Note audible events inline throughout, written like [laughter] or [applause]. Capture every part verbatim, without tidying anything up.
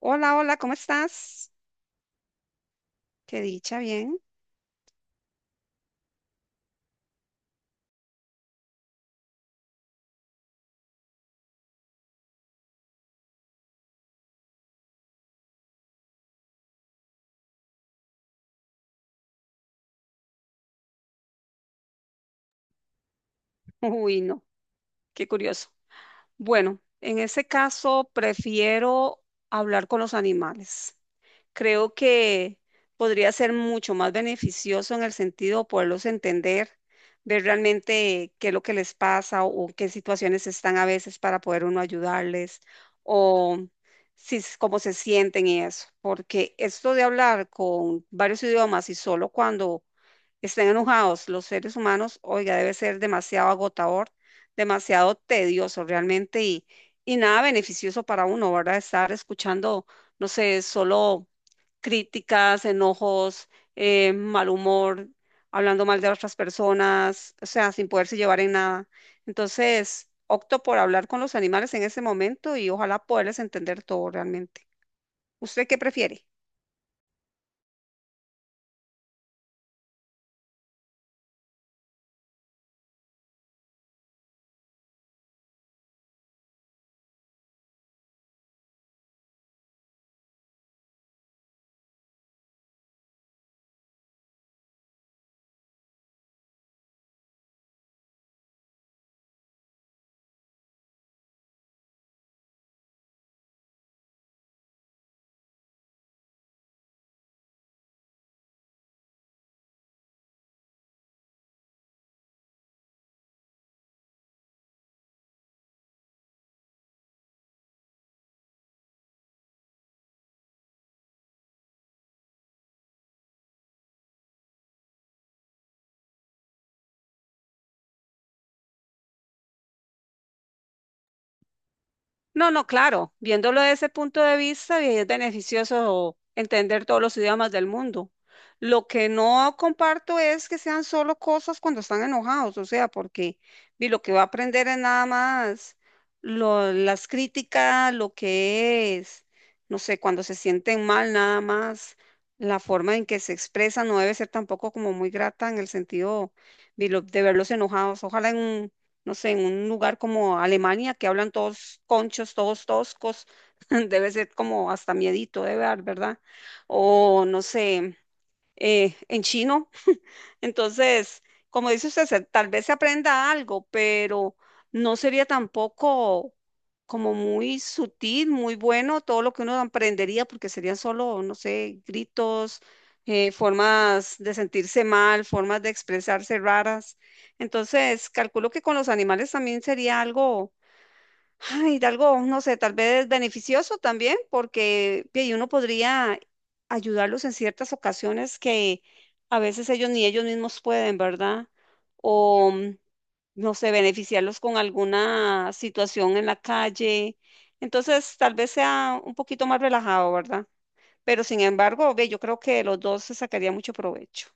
Hola, hola, ¿cómo estás? Qué dicha, bien. [laughs] Uy, no, qué curioso. Bueno, en ese caso prefiero hablar con los animales. Creo que podría ser mucho más beneficioso en el sentido de poderlos entender, ver realmente qué es lo que les pasa o qué situaciones están a veces para poder uno ayudarles o si, s- cómo se sienten y eso. Porque esto de hablar con varios idiomas y solo cuando estén enojados los seres humanos, oiga, debe ser demasiado agotador, demasiado tedioso realmente y, y nada beneficioso para uno, ¿verdad? Estar escuchando, no sé, solo críticas, enojos, eh, mal humor, hablando mal de otras personas, o sea, sin poderse llevar en nada. Entonces, opto por hablar con los animales en ese momento y ojalá poderles entender todo realmente. ¿Usted qué prefiere? No, no, claro, viéndolo desde ese punto de vista, bien, es beneficioso entender todos los idiomas del mundo. Lo que no comparto es que sean solo cosas cuando están enojados, o sea, porque vi, lo que va a aprender es nada más lo- las críticas, lo que es, no sé, cuando se sienten mal, nada más. La forma en que se expresa no debe ser tampoco como muy grata en el sentido vi, lo- de verlos enojados. Ojalá en un no sé, en un lugar como Alemania que hablan todos conchos, todos toscos. [laughs] Debe ser como hasta miedito de ver, ¿verdad? O no sé, eh, en chino. Entonces, como dice usted, se- tal vez se aprenda algo, pero no sería tampoco como muy sutil, muy bueno todo lo que uno aprendería, porque serían solo, no sé, gritos, eh, formas de sentirse mal, formas de expresarse raras. Entonces, calculo que con los animales también sería algo. Ay, de algo, no sé, tal vez beneficioso también, porque y uno podría ayudarlos en ciertas ocasiones que a veces ellos ni ellos mismos pueden, ¿verdad? O, mm, no sé, beneficiarlos con alguna situación en la calle. Entonces, tal vez sea un poquito más relajado, ¿verdad? Pero sin embargo, ve, yo creo que de los dos se sacaría mucho provecho.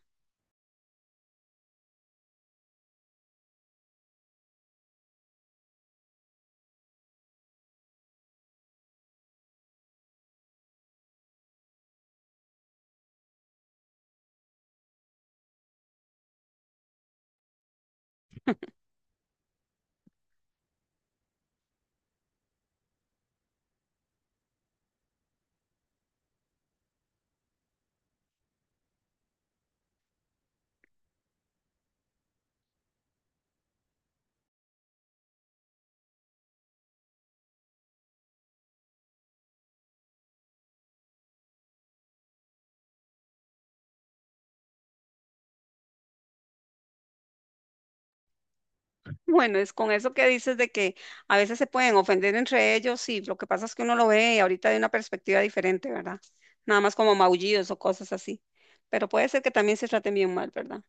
Bueno, es con eso que dices de que a veces se pueden ofender entre ellos y lo que pasa es que uno lo ve ahorita de una perspectiva diferente, ¿verdad? Nada más como maullidos o cosas así. Pero puede ser que también se traten bien mal, ¿verdad?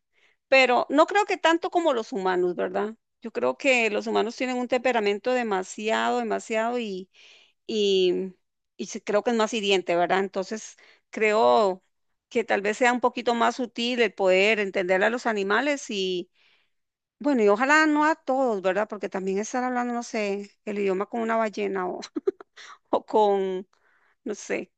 Pero no creo que tanto como los humanos, ¿verdad? Yo creo que los humanos tienen un temperamento demasiado, demasiado y, y, y sí creo que es más hiriente, ¿verdad? Entonces creo que tal vez sea un poquito más sutil el poder entender a los animales y bueno, y ojalá no a todos, ¿verdad? Porque también estar hablando, no sé, el idioma con una ballena o, [laughs] o con, no sé,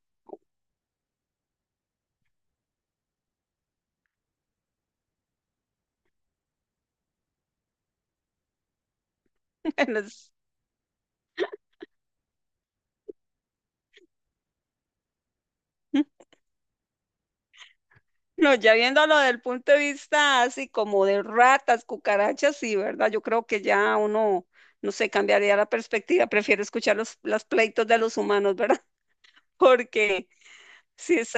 [laughs] no, s- no, ya viéndolo desde el punto de vista así como de ratas, cucarachas, sí, ¿verdad? Yo creo que ya uno, no sé, cambiaría la perspectiva, prefiero escuchar los, los pleitos de los humanos, ¿verdad? [laughs] Porque sí, es.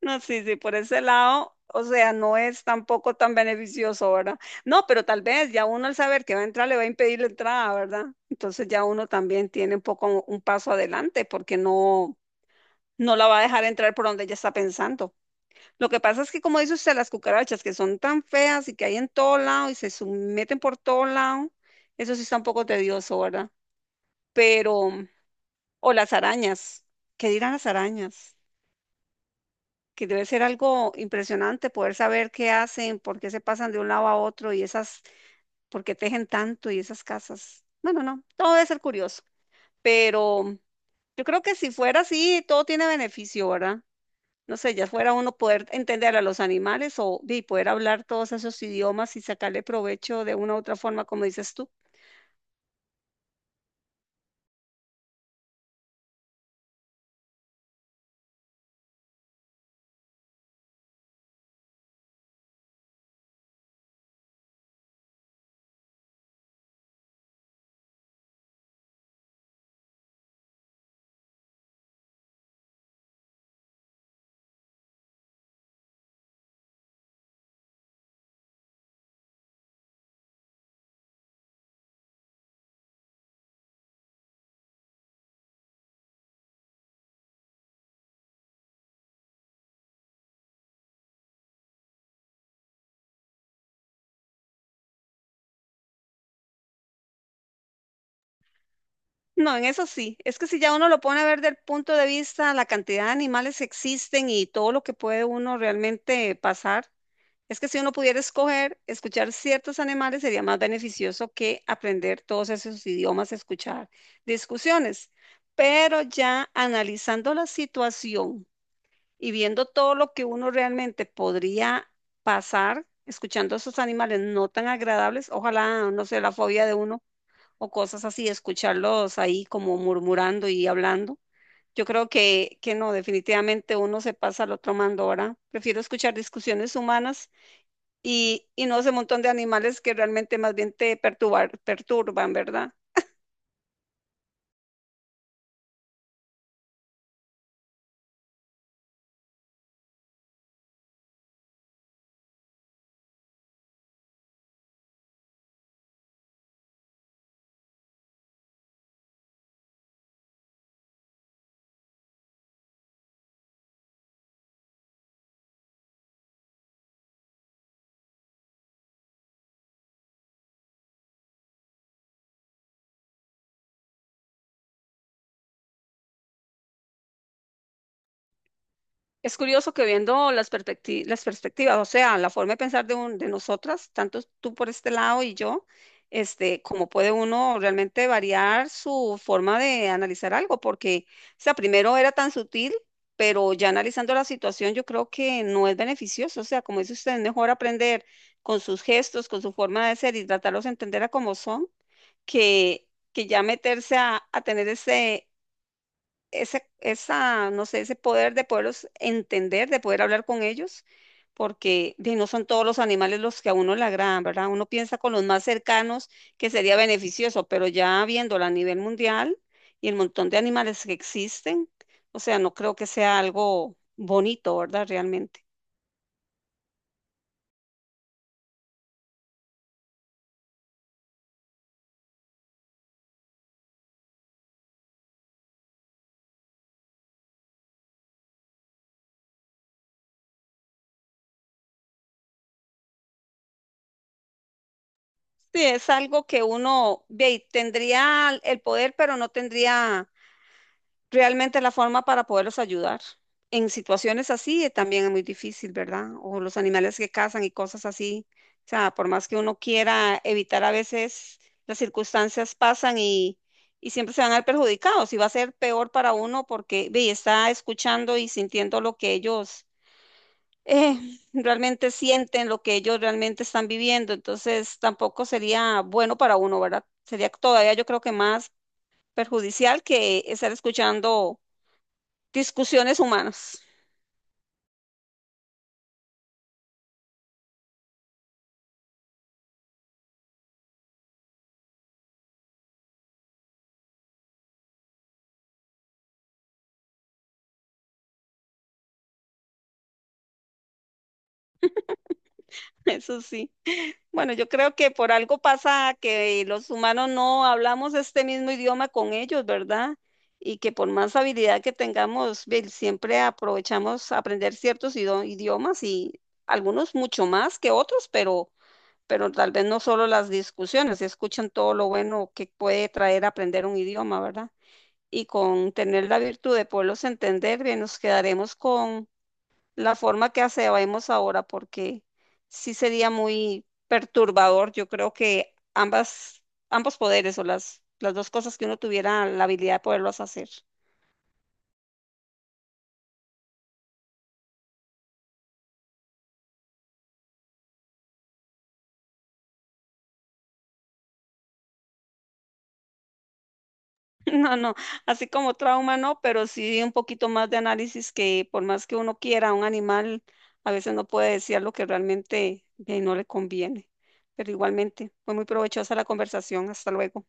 No, sí, sí, por ese lado, o sea, no es tampoco tan beneficioso, ¿verdad? No, pero tal vez ya uno al saber que va a entrar le va a impedir la entrada, ¿verdad? Entonces ya uno también tiene un poco un paso adelante porque no, no la va a dejar entrar por donde ella está pensando. Lo que pasa es que, como dice usted, las cucarachas que son tan feas y que hay en todo lado y se meten por todo lado, eso sí está un poco tedioso, ¿verdad? Pero, o las arañas, ¿qué dirán las arañas? Que debe ser algo impresionante poder saber qué hacen, por qué se pasan de un lado a otro y esas, por qué tejen tanto y esas casas. Bueno, no, todo debe ser curioso, pero yo creo que si fuera así, todo tiene beneficio, ¿verdad? No sé, ya fuera uno poder entender a los animales o y poder hablar todos esos idiomas y sacarle provecho de una u otra forma, como dices tú. No, en eso sí. Es que si ya uno lo pone a ver del punto de vista, la cantidad de animales que existen y todo lo que puede uno realmente pasar. Es que si uno pudiera escoger, escuchar ciertos animales sería más beneficioso que aprender todos esos idiomas, escuchar discusiones. Pero ya analizando la situación y viendo todo lo que uno realmente podría pasar escuchando a esos animales no tan agradables, ojalá, no sé, la fobia de uno o cosas así, escucharlos ahí como murmurando y hablando. Yo creo que, que no, definitivamente uno se pasa al otro mando ahora. Prefiero escuchar discusiones humanas y, y no ese montón de animales que realmente más bien te perturbar- perturban, ¿verdad? Es curioso que viendo las perspecti- las perspectivas, o sea, la forma de pensar de, un, de nosotras, tanto tú por este lado y yo, este, cómo puede uno realmente variar su forma de analizar algo, porque, o sea, primero era tan sutil, pero ya analizando la situación, yo creo que no es beneficioso, o sea, como dice usted, es mejor aprender con sus gestos, con su forma de ser y tratarlos de entender a cómo son que, que ya meterse a, a tener ese, ese, esa, no sé, ese poder de poderlos entender, de poder hablar con ellos, porque de, no son todos los animales los que a uno le agradan, ¿verdad? Uno piensa con los más cercanos que sería beneficioso, pero ya viéndolo a nivel mundial y el montón de animales que existen, o sea, no creo que sea algo bonito, ¿verdad? Realmente. Sí, es algo que uno ve, tendría el poder, pero no tendría realmente la forma para poderlos ayudar. En situaciones así eh, también es muy difícil, ¿verdad? O los animales que cazan y cosas así. O sea, por más que uno quiera evitar a veces, las circunstancias pasan y, y siempre se van a ver perjudicados y va a ser peor para uno porque ve, está escuchando y sintiendo lo que ellos eh, [laughs] realmente sienten, lo que ellos realmente están viviendo. Entonces tampoco sería bueno para uno, ¿verdad? Sería todavía yo creo que más perjudicial que estar escuchando discusiones humanas. [laughs] Eso sí. Bueno, yo creo que por algo pasa que los humanos no hablamos este mismo idioma con ellos, ¿verdad? Y que por más habilidad que tengamos, ve, siempre aprovechamos aprender ciertos ido- idiomas y algunos mucho más que otros, pero, pero tal vez no solo las discusiones, escuchan todo lo bueno que puede traer aprender un idioma, ¿verdad? Y con tener la virtud de poderlos entender, bien, nos quedaremos con la forma que hacemos ahora, porque sí sería muy perturbador. Yo creo que ambas, ambos poderes o las, las dos cosas que uno tuviera la habilidad de poderlos hacer. [laughs] No, no, así como trauma no, pero sí un poquito más de análisis que por más que uno quiera, un animal a veces no puede decir lo que realmente eh, no le conviene. Pero igualmente, fue muy provechosa la conversación. Hasta luego.